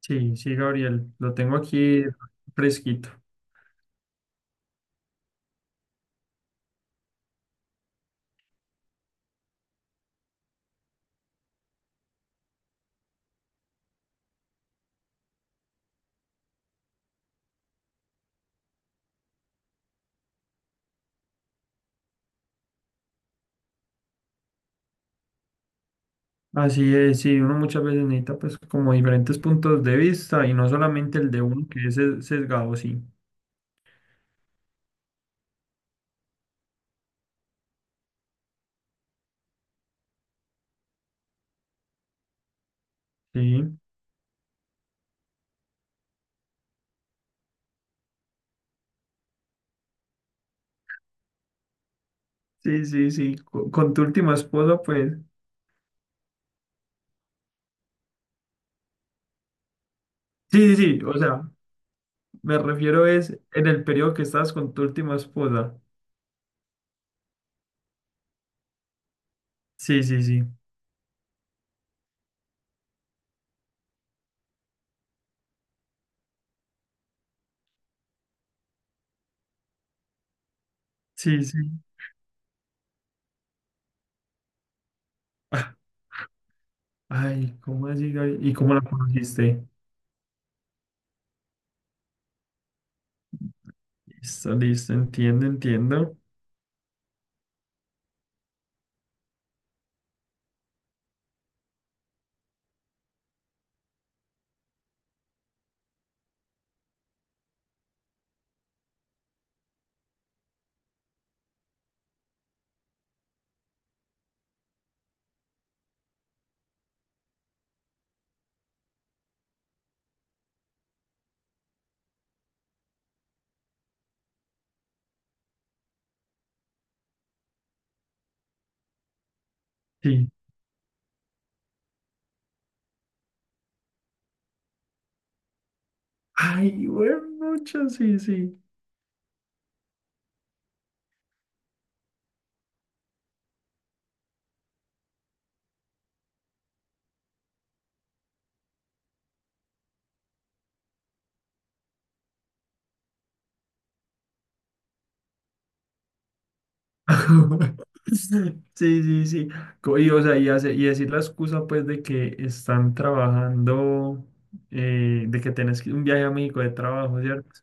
Sí, sí, Gabriel, lo tengo aquí fresquito. Así es, sí, uno muchas veces necesita pues como diferentes puntos de vista y no solamente el de uno que es sesgado, sí. Sí, sí, sí, con tu última esposa pues. Sí, sí, sí, o sea, me refiero es en el periodo que estabas con tu última esposa. Sí, sí, sí, sí, sí. Ah, ay, ¿cómo así, Gabriel? ¿Y cómo la conociste? Listo, listo, entiendo, entiendo. Sí. Ay, bueno, mucho, sí, sí. Sí, sí, sí. Y, o sea, y, y decir la excusa pues de que están trabajando, de que un viaje a México de trabajo, ¿cierto?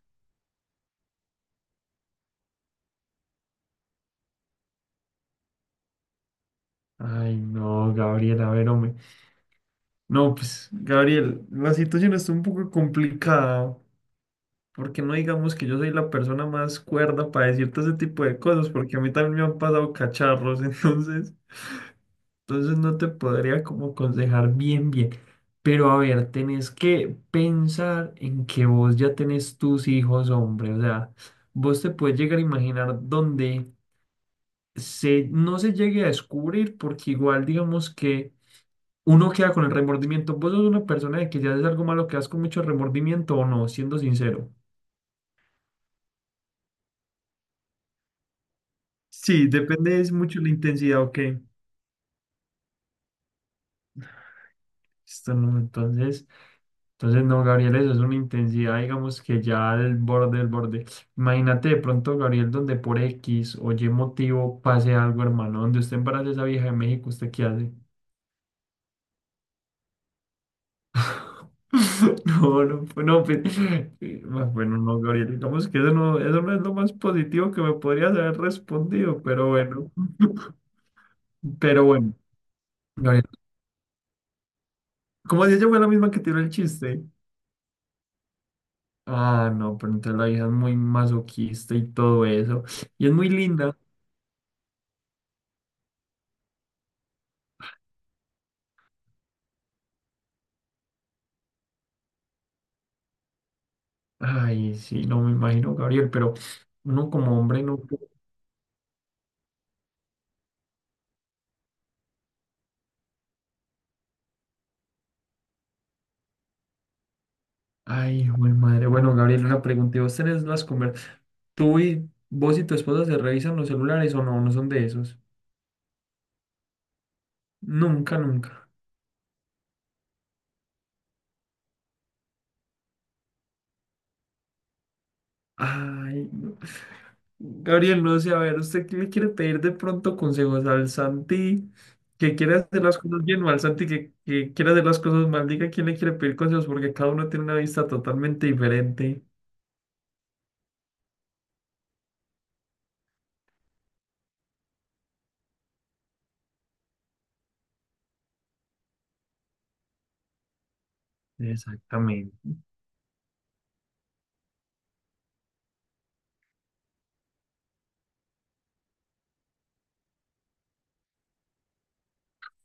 Ay, no, Gabriel, a ver, hombre. No, pues, Gabriel, la situación está un poco complicada, porque no digamos que yo soy la persona más cuerda para decirte ese tipo de cosas, porque a mí también me han pasado cacharros, entonces. Entonces no te podría como aconsejar bien, bien. Pero a ver, tenés que pensar en que vos ya tenés tus hijos, hombre. O sea, vos te puedes llegar a imaginar donde se, no se llegue a descubrir, porque igual digamos que uno queda con el remordimiento. ¿Vos sos una persona de que ya haces algo malo, quedas con mucho remordimiento o no? Siendo sincero. Sí, depende es mucho la intensidad, ok. Esto no, entonces. Entonces, no, Gabriel, eso es una intensidad, digamos que ya del borde, del borde. Imagínate de pronto, Gabriel, donde por X o Y motivo pase algo, hermano, donde usted embarace a esa vieja de México, ¿usted qué hace? No, no, pues, no, pues, bueno, no, Gabriel, digamos que eso no es lo más positivo que me podrías haber respondido, pero bueno, pero bueno, Gabriel, como si ella fue la misma que tiró el chiste. Ah, no, pero entonces la vieja es muy masoquista y todo eso, y es muy linda. Ay, sí, no me imagino, Gabriel, pero uno como hombre no. Ay, güey, madre. Bueno, Gabriel, una pregunta. ¿Y vos tenés las conversaciones? ¿Tú y vos y tu esposa se revisan los celulares o no? No son de esos. Nunca, nunca. Ay, no. Gabriel, no sé, a ver, ¿usted qué le quiere pedir de pronto consejos al Santi que quiere hacer las cosas bien o al Santi que, quiere hacer las cosas mal? Diga quién le quiere pedir consejos porque cada uno tiene una vista totalmente diferente. Exactamente.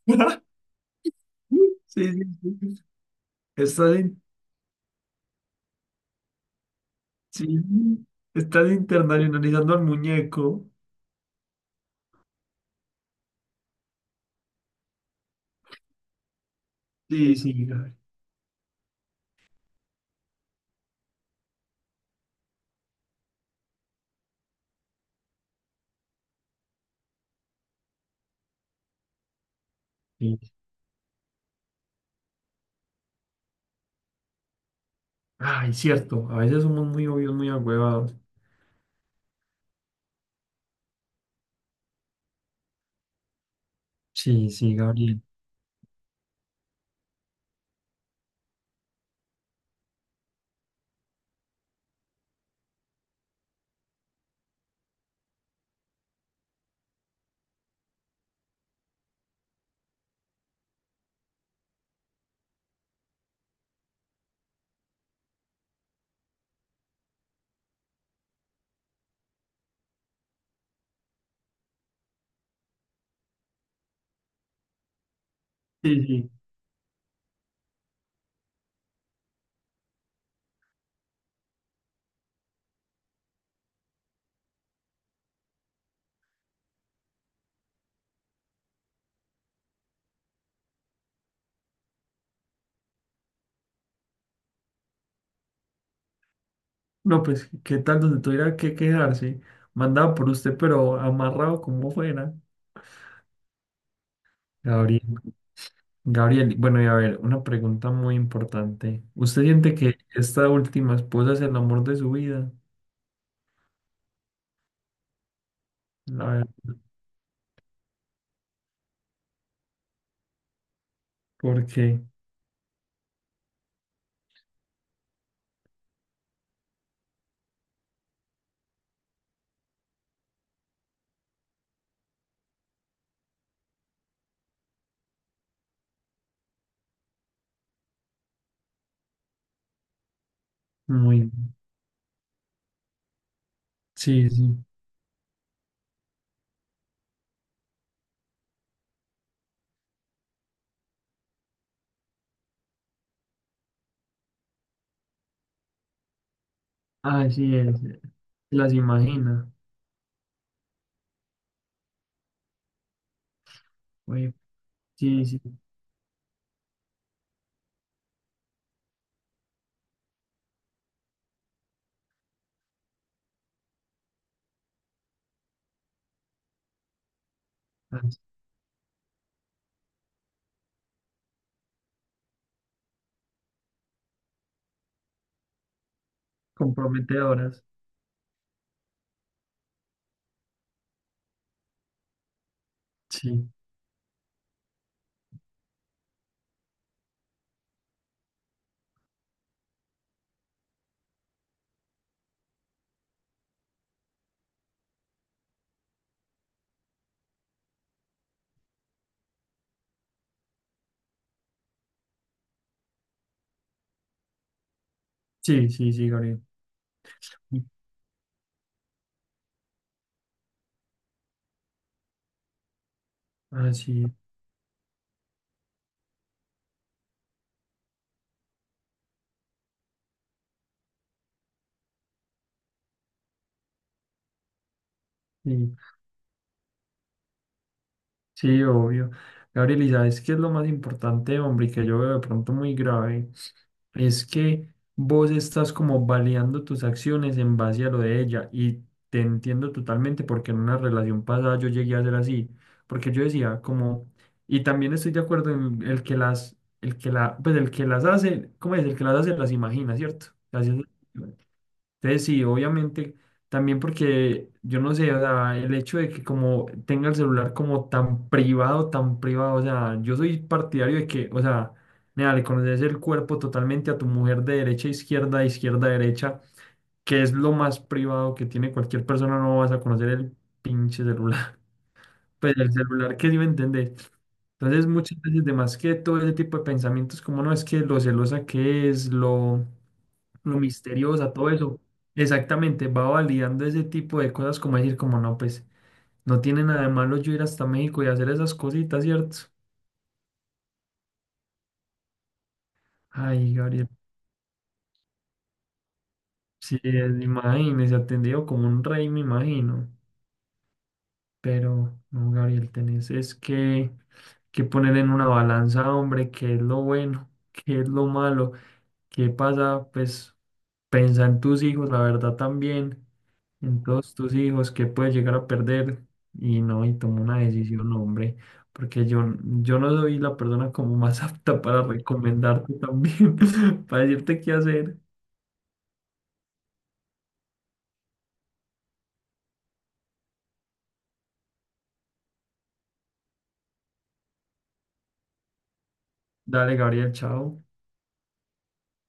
Sí, sí, sí. está in- sí, estás internacionalizando al muñeco. Sí, sí, Gabriel. Sí. Ay, cierto. A veces somos muy obvios, muy agüevados. Sí, sí, Gabriel. Sí, sí. No, pues, ¿qué tal donde tuviera que quejarse mandado por usted, pero amarrado como fuera? Gabriel. Gabriel, bueno, y a ver, una pregunta muy importante. ¿Usted siente que esta última esposa es el amor de su vida? A ver, ¿por qué? Muy. Sí, sí. Así es. Las imagina. Oye, sí, sí, las comprometedoras. Sí, sí, sí, sí, Gabriel. Ah, sí, sí, sí, obvio. Gabriel, ¿y sabes qué es lo más importante, hombre, y que yo veo de pronto muy grave? Es que vos estás como baleando tus acciones en base a lo de ella. Y te entiendo totalmente porque en una relación pasada yo llegué a ser así. Porque yo decía como, y también estoy de acuerdo en el que las, el que la, pues el que las hace, ¿cómo es? El que las hace las imagina, ¿cierto? Así es. Entonces, sí, obviamente, también porque yo no sé, o sea, el hecho de que como tenga el celular como tan privado, o sea, yo soy partidario de que, o sea, nada, le conoces el cuerpo totalmente a tu mujer de derecha a izquierda, de izquierda a derecha, que es lo más privado que tiene cualquier persona, no vas a conocer el pinche celular, pues el celular que sí me entendés. Entonces, muchas veces, de más que todo ese tipo de pensamientos, como no es que lo celosa que es, lo misteriosa, todo eso, exactamente, va validando ese tipo de cosas como decir, como no, pues no tiene nada de malo yo ir hasta México y hacer esas cositas, ¿cierto? Ay, Gabriel, sí, imagínese, atendido como un rey, me imagino, pero no, Gabriel, tenés es que poner en una balanza, hombre, qué es lo bueno, qué es lo malo, qué pasa, pues pensa en tus hijos, la verdad también. Entonces tus hijos, que puedes llegar a perder y no, y toma una decisión, hombre, porque yo no soy la persona como más apta para recomendarte también, para decirte qué hacer. Dale, Gabriel, chao.